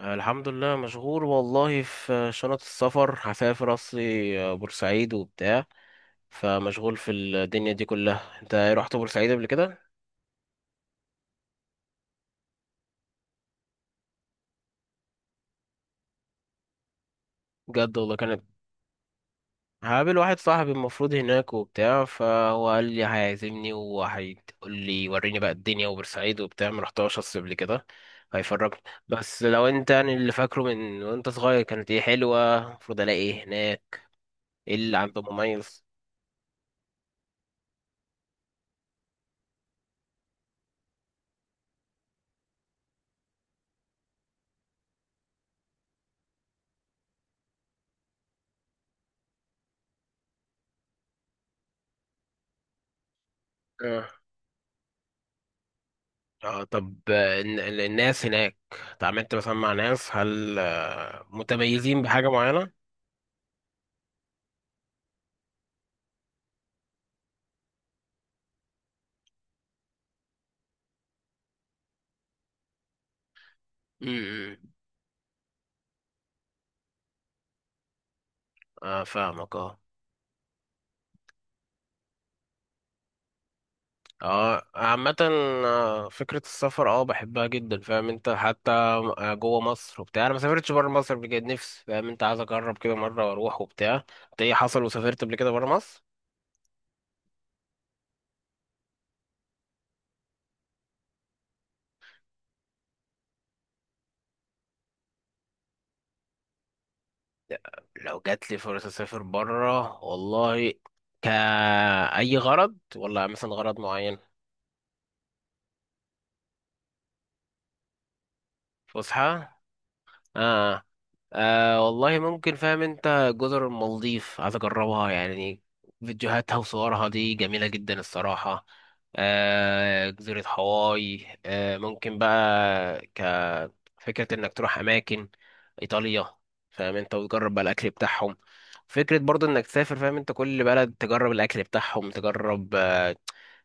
آه، الحمد لله، مشغول والله في شنط السفر. هسافر اصلي بورسعيد وبتاع. فمشغول في الدنيا دي كلها. انت إيه، رحت بورسعيد قبل كده؟ بجد والله كانت. هقابل واحد صاحبي المفروض هناك وبتاع، فهو قال لي هيعزمني وهيقول لي وريني بقى الدنيا، وبورسعيد وبتاع ما رحتهاش اصل قبل كده، هيفرجني. بس لو انت يعني اللي فاكره من وانت صغير كانت ايه، حلوة؟ المفروض الاقي ايه هناك؟ ايه اللي عنده مميز؟ اه طب الناس هناك اتعاملت مثلا مع ناس، هل متميزين بحاجة معينة؟ امم. اه فاهمك، اه. اه عامة، فكرة السفر اه بحبها جدا. فاهم انت، حتى جوه مصر وبتاع. انا ما سافرتش بره مصر بجد، نفسي فاهم انت، عايز اجرب كده مرة واروح وبتاع. انت ايه حصل وسافرت قبل كده بره مصر؟ لو جات لي فرصة اسافر بره والله، كأي غرض ولا مثلا غرض معين؟ فسحة؟ اه. آه والله ممكن، فاهم انت جزر المالديف عايز اجربها يعني. فيديوهاتها وصورها دي جميلة جدا الصراحة. جزيرة هاواي ممكن بقى، كفكرة انك تروح اماكن، ايطاليا. فاهم انت وتجرب بقى الاكل بتاعهم. فكرة برضو انك تسافر فاهم انت، كل بلد تجرب الاكل بتاعهم، تجرب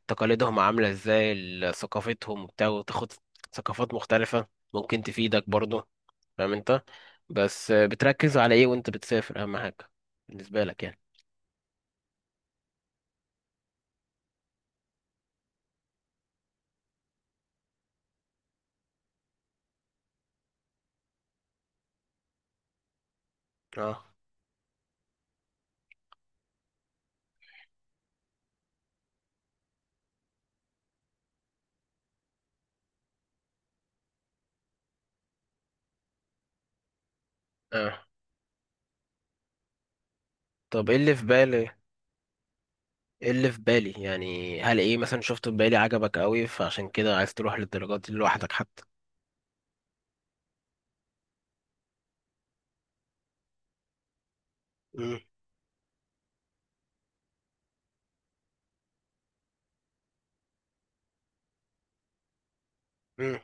تقاليدهم عاملة ازاي، ثقافتهم وبتاع، وتاخد ثقافات مختلفة. ممكن تفيدك برضو، فاهم انت. بس بتركز على ايه وانت بتسافر اهم حاجة بالنسبة لك يعني؟ اه. اه طب ايه اللي في بالي. ايه اللي في بالي يعني، هل ايه مثلا شفته في بالي عجبك قوي فعشان كده عايز تروح للدرجات دي لوحدك حتى؟ امم.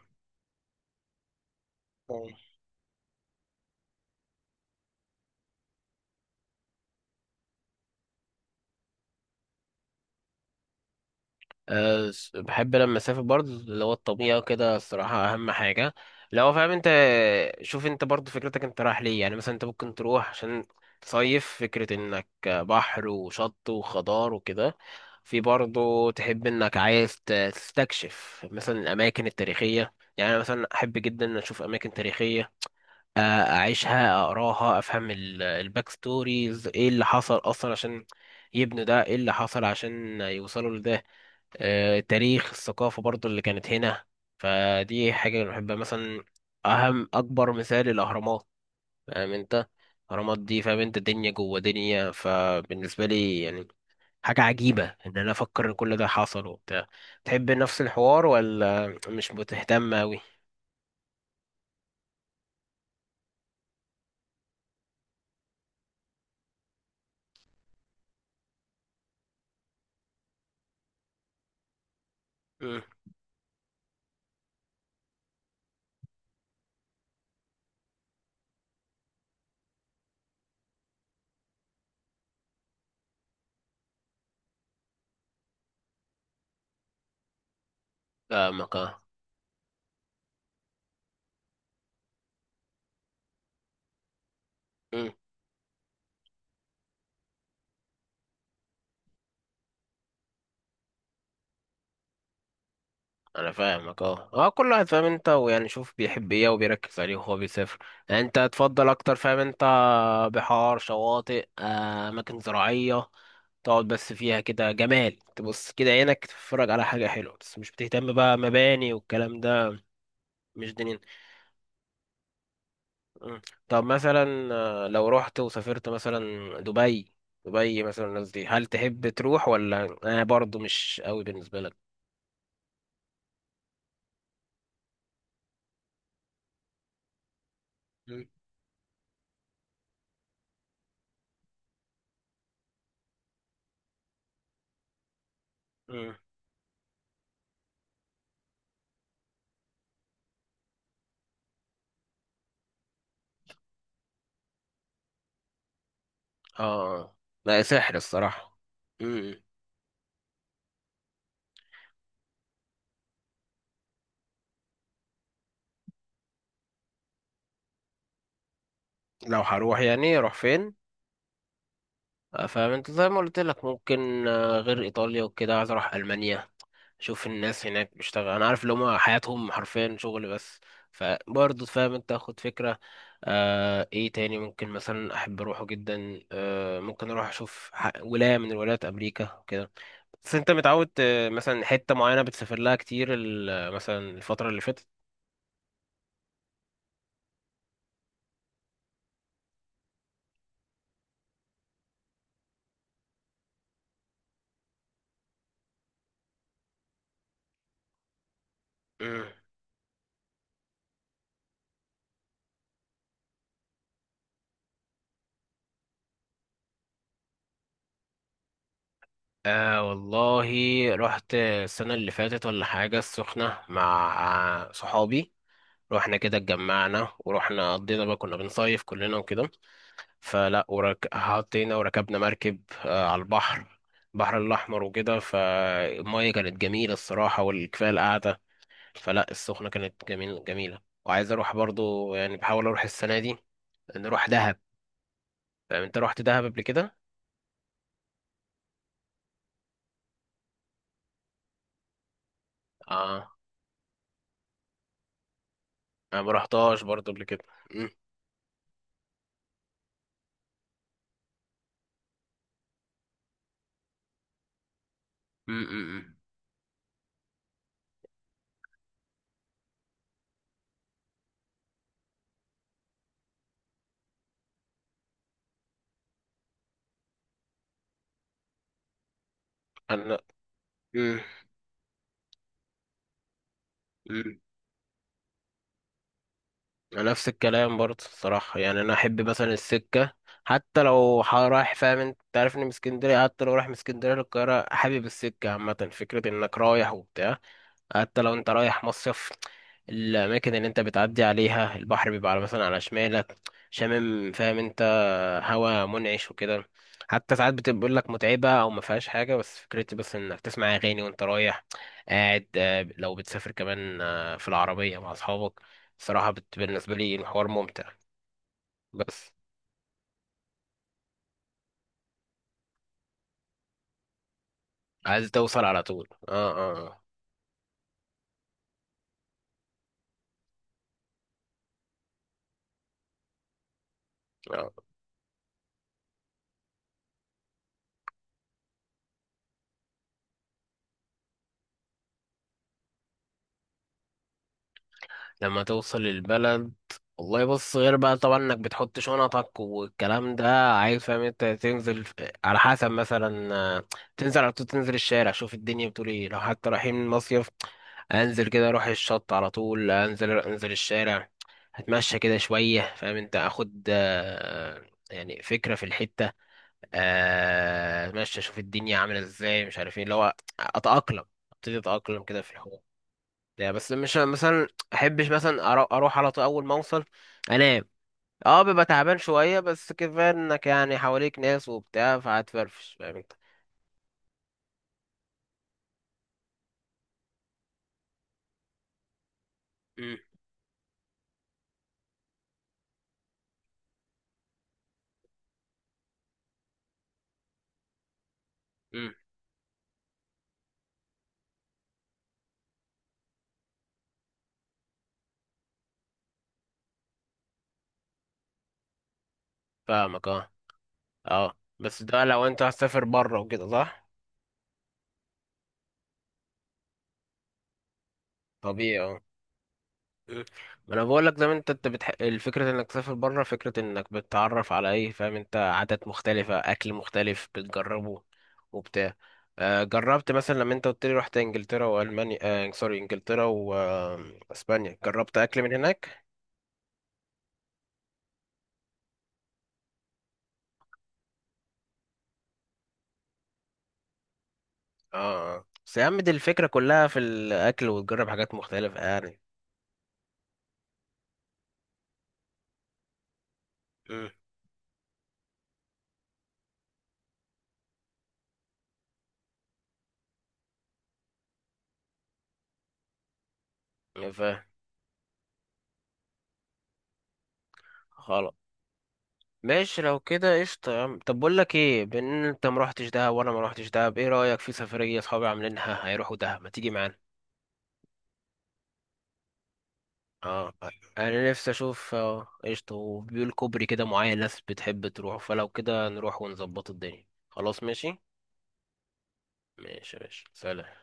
بحب لما اسافر برضه اللي هو الطبيعه كده الصراحه اهم حاجه، لو فاهم انت. شوف انت برضه فكرتك انت رايح ليه يعني، مثلا انت ممكن تروح عشان تصيف، فكره انك بحر وشط وخضار وكده. في برضه تحب انك عايز تستكشف مثلا الاماكن التاريخيه. يعني أنا مثلا احب جدا إن اشوف اماكن تاريخيه، اعيشها، اقراها، افهم الباك ستوريز، ايه اللي حصل اصلا عشان يبنوا ده، ايه اللي حصل عشان يوصلوا لده. التاريخ، الثقافة برضو اللي كانت هنا. فدي حاجة أنا بحبها مثلا. أهم أكبر مثال الأهرامات، فاهم أنت. الأهرامات دي فاهم أنت دنيا جوه دنيا، فبالنسبة لي يعني حاجة عجيبة إن أنا أفكر إن كل ده حصل وبتاع. تحب نفس الحوار ولا مش بتهتم أوي؟ مم. فاهمك أه. انا فاهمك، اه اه. كل واحد فاهم انت ويعني شوف بيحب ايه وبيركز عليه وهو بيسافر، يعني انت تفضل اكتر فاهم انت بحار، شواطئ، اماكن زراعية. تقعد بس فيها كده جمال، تبص كده عينك تتفرج على حاجة حلوة، بس مش بتهتم بقى مباني والكلام ده. مش دينين. مم. طب مثلا لو رحت وسافرت مثلا دبي، دبي مثلا الناس دي هل تحب تروح ولا انا برضو مش قوي بالنسبة لك؟ مم. مم. اه. لا سحر الصراحة. مم. لو هروح يعني اروح فين؟ فاهم انت زي ما قلت لك، ممكن غير ايطاليا وكده عايز اروح المانيا، اشوف الناس هناك بيشتغل، انا عارف اللي هما حياتهم حرفيا شغل بس. فبرضه فاهم انت اخد فكرة. ايه تاني ممكن مثلا احب اروحه جدا، ممكن اروح اشوف ولاية من ولايات امريكا وكده. بس انت متعود مثلا حتة معينة بتسافر لها كتير، مثلا الفترة اللي فاتت. مم. آه والله، رحت السنة اللي فاتت ولا حاجة السخنة مع صحابي. رحنا كده، اتجمعنا ورحنا قضينا بقى، كنا بنصيف كلنا وكده. فلا حطينا وركبنا مركب على البحر، البحر الأحمر وكده. فالمية كانت جميلة الصراحة، والكفاية القعدة. فلا السخنة كانت جميلة، وعايز أروح برضو يعني، بحاول أروح السنة دي، نروح دهب. فاهم أنت رحت دهب قبل كده؟ آه. أنا ما رحتهاش برضو قبل كده. م- م- م- م. أنا مم. مم. أنا نفس الكلام برضه الصراحة. يعني أنا أحب مثلا السكة، حتى لو رايح فاهم أنت، أنت عارفني من اسكندرية. حتى لو رايح من اسكندرية للقاهرة، حابب السكة عامة، فكرة إنك رايح وبتاع. حتى لو أنت رايح مصيف، الأماكن اللي أنت بتعدي عليها البحر بيبقى على مثلا على شمالك، شامم فاهم، هوا منعش وكده. حتى ساعات بتبقى بيقول لك متعبة أو ما فيهاش حاجة، بس فكرتي بس إنك تسمع أغاني وأنت رايح قاعد، لو بتسافر كمان في العربية مع أصحابك الصراحة. بالنسبة لي الحوار ممتع. بس عايز توصل على طول؟ اه. اه آه. لما توصل البلد، والله بص، غير بقى طبعا انك بتحط شنطك والكلام ده، عايز فاهم انت تنزل على حسب، مثلا تنزل على طول، تنزل الشارع، شوف الدنيا بتقول ايه. لو حتى رايحين مصيف، انزل كده اروح الشط على طول، انزل انزل الشارع، هتمشى كده شوية فاهم انت، اخد يعني فكرة في الحتة. اتمشى، اشوف الدنيا عاملة ازاي، مش عارف ايه اللي هو اتأقلم، ابتدي اتأقلم كده في الحوار. لا بس مش مثلا احبش مثلا اروح على طول اول ما اوصل انام. اه ببقى تعبان شويه، بس كفايه انك يعني حواليك ناس وبتاع فهتفرفش فاهم انت. أمم. أمم. فاهمك، اه اه. بس ده لو انت هتسافر بره وكده، صح؟ طبيعي اه. مم. ما انا بقول لك ده، انت الفكره انك تسافر بره، فكره انك بتتعرف على ايه فاهم انت، عادات مختلفه، اكل مختلف بتجربه وبتاع. جربت مثلا لما انت قلت لي رحت انجلترا والمانيا، آه سوري، انجلترا واسبانيا، جربت اكل من هناك. اه آه. بس يا عم دي الفكره كلها في الاكل، وتجرب حاجات مختلفه يعني. مم. فاهم. خلاص ماشي، لو كده قشطة يا عم. طب بقول لك ايه، بان انت ما روحتش دهب وانا ما روحتش دهب، ايه رأيك في سفرية اصحابي عاملينها هيروحوا دهب، ما تيجي معانا؟ اه انا نفسي اشوف قشطة، وبيقول كوبري كده معين ناس بتحب تروح، فلو كده نروح ونظبط الدنيا، خلاص ماشي. ماشي ماشي سلام.